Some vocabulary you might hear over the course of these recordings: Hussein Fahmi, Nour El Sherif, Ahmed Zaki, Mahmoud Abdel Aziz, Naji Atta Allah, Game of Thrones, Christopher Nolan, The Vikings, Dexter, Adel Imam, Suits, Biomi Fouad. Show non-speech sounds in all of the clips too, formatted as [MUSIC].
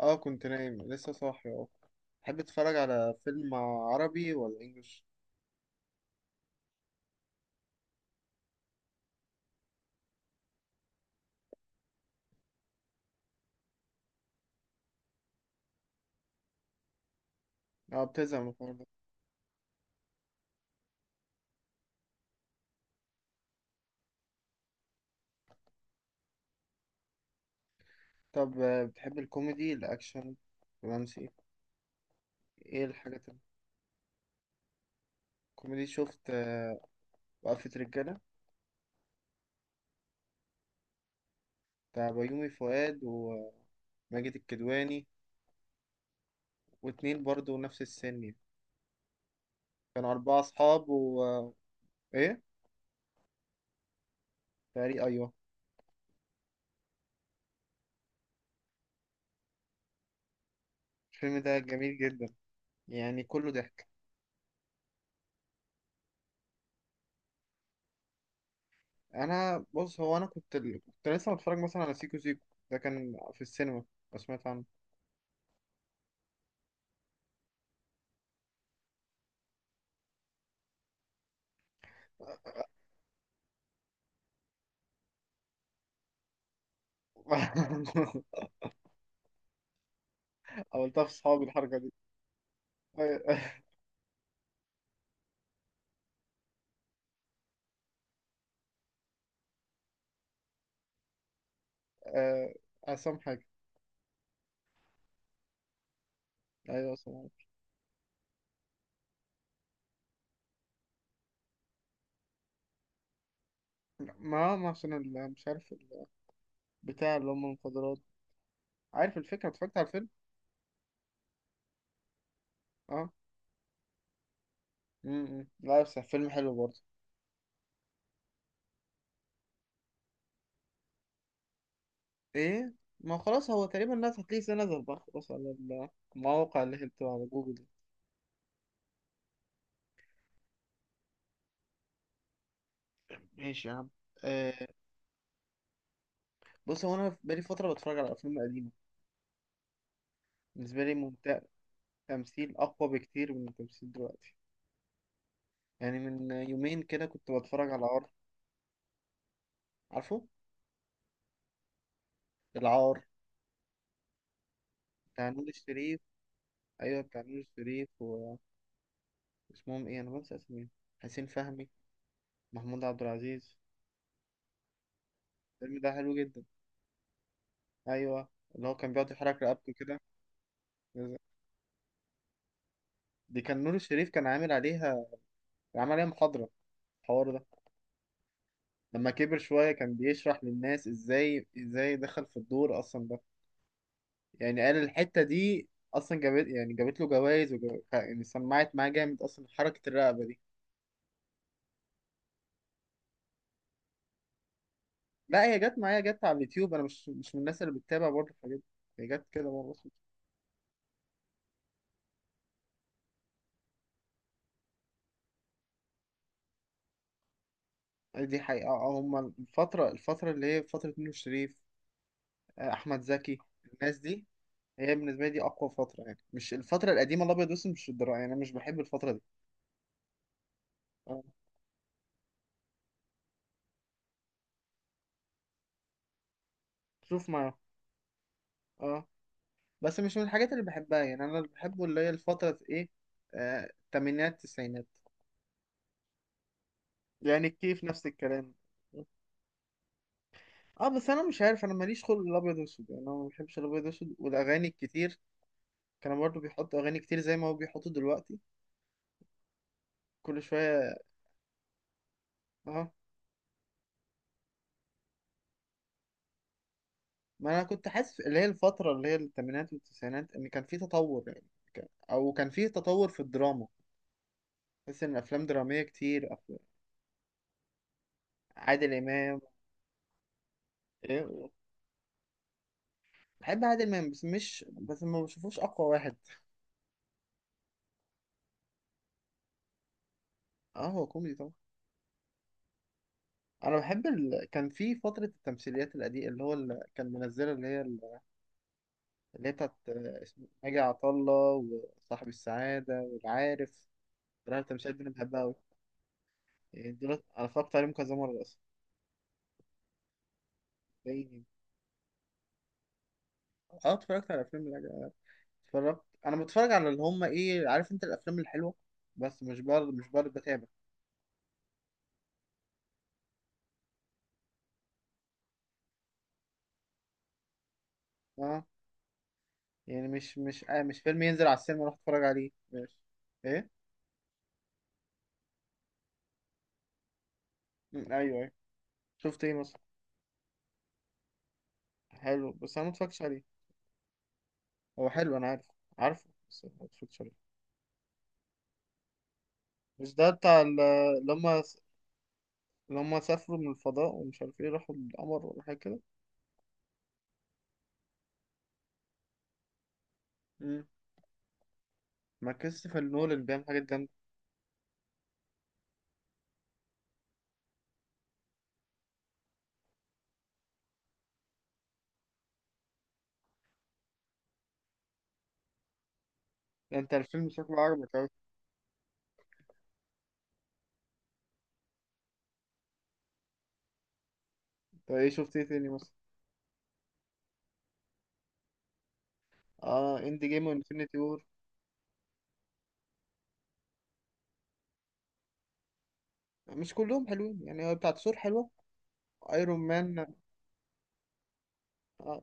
اه كنت نايم لسه صاحي اه. تحب تتفرج على فيلم عربي ولا انجلش؟ اه، بتزهق من الحوار ده؟ طب بتحب الكوميدي، الاكشن، الرومانسي؟ ايه الحاجات الكوميدي شفت؟ وقفة رجالة بتاع بيومي فؤاد وماجد الكدواني، واتنين برضو نفس السن يعني. كانوا أربعة أصحاب و إيه؟ تقريبا أيوه. الفيلم ده جميل جدا، يعني كله ضحك. أنا بص، هو أنا كنت لسه متفرج مثلا على سيكو سيكو، ده كان في السينما، لو سمعت عنه. [LAUGHS] عملتها في صحابي الحركة دي. [LAUGHS] آه، آه، عصام حاجة. أيوة عصام حاجة. ما عشان مش عارف بتاع اللي هم المخدرات. عارف الفكرة، اتفرجت على الفيلم. اه. م- م. لا بس فيلم حلو برضه. ايه، ما هو خلاص هو تقريبا الناس هتلاقيه سنة نزل بقى خلاص على المواقع اللي هي بتبقى على جوجل دي. ماشي يا عم. آه، بص هو انا بقالي فترة بتفرج على افلام قديمة، بالنسبة لي ممتع، تمثيل اقوى بكتير من التمثيل دلوقتي. يعني من يومين كده كنت بتفرج على عار، عارفه العار؟ بتاع نور الشريف. ايوه بتاع نور الشريف، واسمهم ايه، انا بنسى اسمهم، حسين فهمي، محمود عبد العزيز. الفيلم ده حلو جدا. ايوه، اللي هو كان بيقعد يحرك رقبته كده، دي كان نور الشريف كان عامل عليها، عمل عليها محاضرة الحوار ده. لما كبر شوية كان بيشرح للناس ازاي دخل في الدور اصلا ده. يعني قال الحتة دي اصلا جابت، يعني جابت له جوائز يعني سمعت معاه جامد اصلا، حركة الرقبة دي. لا هي جت معايا، جت على اليوتيوب. انا مش من الناس اللي بتتابع برضه الحاجات دي. هي جت كده بقى، بص. دي حقيقة. هما الفترة اللي هي فترة نور الشريف، أحمد زكي، الناس دي. هي بالنسبة لي دي أقوى فترة، يعني مش الفترة القديمة الأبيض والأسود، مش الدراما، يعني أنا مش بحب الفترة دي. آه. شوف معاه. اه، بس مش من الحاجات اللي بحبها. يعني أنا اللي بحبه اللي هي الفترة إيه، التمانينات، التسعينات. يعني الكيف نفس الكلام. اه بس انا مش عارف، انا ماليش خلق الابيض واسود، يعني انا ما بحبش الابيض واسود والاغاني الكتير. كانوا برضو بيحطوا اغاني كتير زي ما هو بيحطوا دلوقتي، كل شويه. اه، ما انا كنت حاسس اللي هي الفتره اللي هي الثمانينات والتسعينات ان كان في تطور. يعني او كان في تطور في الدراما. بحس ان افلام دراميه كتير عادل امام. إيه؟ بحب عادل امام بس ما بشوفوش اقوى واحد. اه هو كوميدي طبعا. انا بحب كان في فتره التمثيليات القديمه، اللي هو اللي كان منزله اللي هي بتاعت، اسمه ناجي عطا الله وصاحب السعاده والعارف. صراحة التمثيليات دي انا بحبها أوي. دول انا اتفرجت عليهم كذا مره اصلا. باين. اه اتفرجت على افلام الأجنبي. اتفرجت، انا بتفرج على اللي هم ايه، عارف انت، الافلام الحلوه. بس مش برضه بتابع. اه، يعني مش فيلم ينزل على السينما اروح اتفرج عليه، ماشي. ايه. مم، ايوه ايوه. شفت ايه مثلا؟ حلو بس انا ما اتفرجتش عليه، هو حلو انا عارف. عارفه بس ما اتفرجتش عليه. مش ده بتاع اللي هم، اللي هم سافروا من الفضاء ومش عارف ايه، راحوا القمر ولا حاجه كده. مم. ما كريستوفر نولان بيعمل حاجات جامده. ده انت الفيلم شكله عجبك. طب ايه، شفت ايه تاني مثلا؟ اه اند جيم وانفينيتي وور. مش كلهم حلوين، يعني هو بتاعت ثور حلوه، ايرون مان. آه.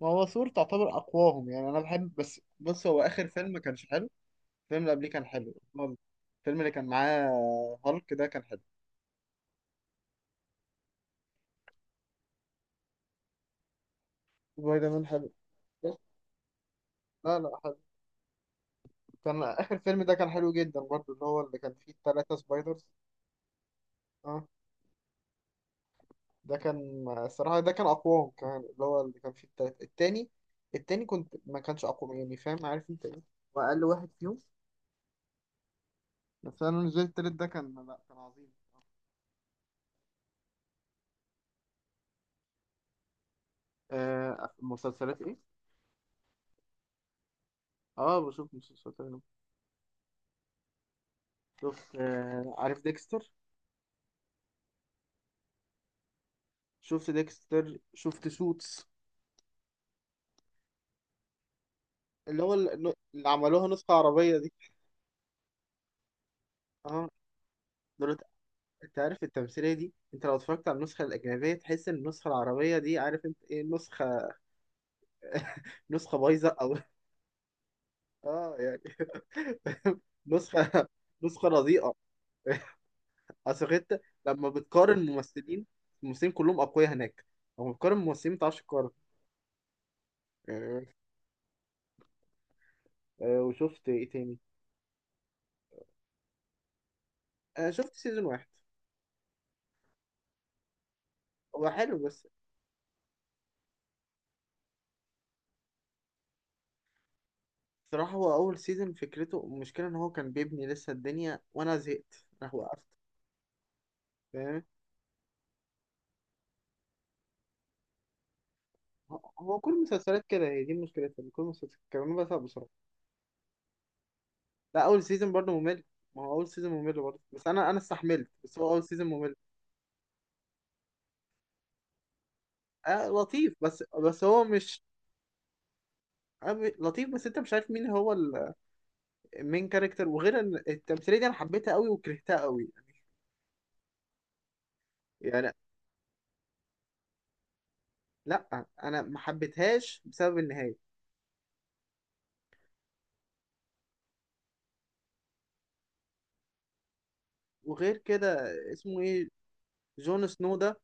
ما هو ثور تعتبر اقواهم، يعني انا بحب. بس بص هو اخر فيلم ما كانش حلو، الفيلم اللي قبليه كان حلو، الفيلم اللي كان معاه هالك ده كان حلو. سبايدر مان حلو. بس- لا لا حلو. كان اخر فيلم ده كان حلو جدا برضه، اللي هو اللي كان فيه التلاتة سبايدرز. اه، ده كان الصراحة ده كان أقواهم كمان، اللي هو اللي كان فيه التالت. التاني، التاني كنت ما كانش أقوى، يعني فاهم عارف أنت إيه، وأقل واحد فيهم. بس أنا بالنسبة لي التالت ده كان لأ، كان عظيم. آه مسلسلات إيه؟ آه بشوف مسلسلات أجنبي. شفت آه، عارف ديكستر؟ شفت ديكستر، شفت سوتس، اللي هو ال- اللي عملوها نسخة عربية دي. آه. دول أنت عارف التمثيلية دي، أنت لو اتفرجت على النسخة الأجنبية تحس إن النسخة العربية دي عارف أنت إيه، نسخة [LAUGHS] نسخة بايظة. أو اه يعني [LAUGHS] نسخة نسخة رديئة. اصل انت لما بتقارن ممثلين، الممثلين كلهم اقوياء هناك، لما بتقارن ممثلين ما بتعرفش تقارن يعني. وشفت ايه تاني؟ شفت سيزون واحد، هو حلو بس. صراحة هو أول سيزون فكرته المشكلة إن هو كان بيبني لسه الدنيا وأنا زهقت راح وقفت. فاهم. هو كل المسلسلات كده، هي دي مشكلتها، إن كل المسلسلات كانوا بزهق بسرعة. لا أول سيزون برضه ممل. ما هو أول سيزون ممل برضه، بس أنا استحملت، بس هو أول سيزون ممل. آه لطيف، بس هو مش لطيف، بس انت مش عارف مين هو المين كاركتر، وغير ان التمثيليه دي انا حبيتها قوي وكرهتها قوي يعني. لا انا ما حبيتهاش بسبب النهايه. وغير كده اسمه ايه، جون سنو ده.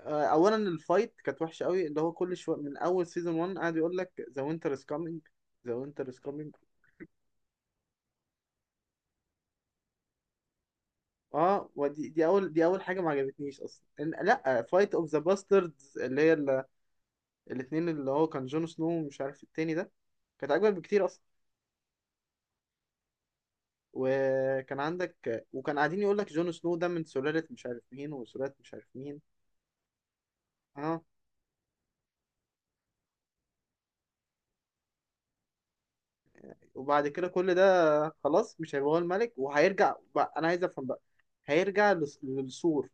اولا الفايت كانت وحشه قوي، اللي هو كل شويه من اول سيزون 1 قاعد يقول لك ذا وينتر از كامينج، ذا وينتر از كامينج. اه، ودي دي اول دي اول حاجه ما عجبتنيش اصلا، لا فايت اوف ذا باستردز، الاتنين، اللي هو كان جون سنو ومش عارف التاني ده، كانت اكبر بكتير اصلا. وكان عندك، وكان قاعدين يقول لك جون سنو ده من سلالة مش عارف مين وسلالة مش عارف مين. اه، وبعد كده كل ده خلاص مش هيبقى هو الملك، وهيرجع بقى، انا عايز افهم بقى، هيرجع للسور،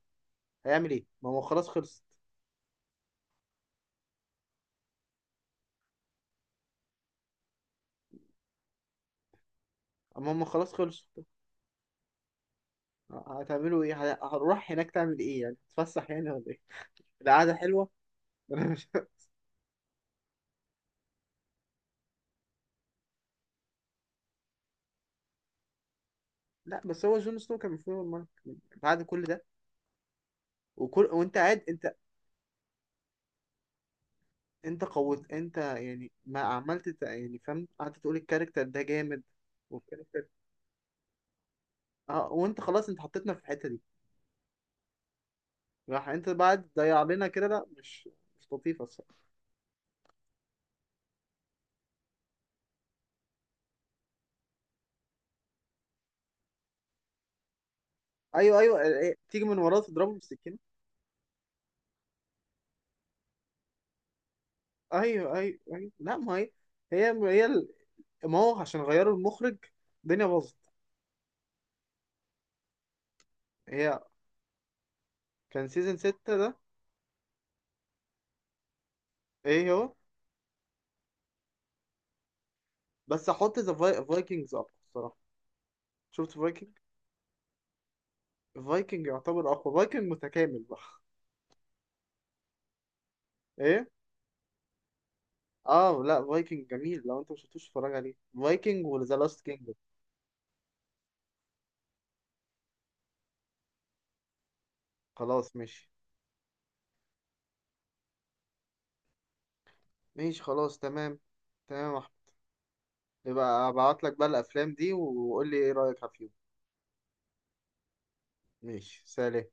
هيعمل ايه، ما هو خلاص خلصت، اما هم خلاص خلصوا، هتعملوا ايه، هنروح هناك تعمل ايه، يعني تتفسح يعني ولا ايه؟ القعدة حلوة. [LAUGHS] انا مش. لا بس هو جون سنو كان المفروض هو الملك بعد كل ده، وكل وانت قاعد انت، انت قوت انت يعني ما عملت يعني، فاهم، قعدت تقول الكاركتر ده جامد والكاركتر. اه، وانت خلاص انت حطيتنا في الحته دي، راح انت بعد ضيع لنا كده، لا مش، مش لطيفه الصراحه. ايوه ايه، تيجي من وراه تضربه بالسكينه. ايوه لا ما هي هي ال- ما هو عشان غيروا المخرج الدنيا باظت. هي كان سيزون 6 ده. ايه هو. بس احط ذا فايكنجز اقوى الصراحه. شفت فايكنج؟ فايكنج يعتبر اقوى، فايكنج متكامل بقى. ايه. اه لا فايكنج جميل، لو انت مش شفتوش اتفرج عليه، فايكنج وذا لاست كينج. خلاص ماشي. ماشي خلاص، تمام. تمام يا احمد، يبقى ابعت لك بقى الافلام دي وقول لي ايه رايك فيهم. ماشي سلام.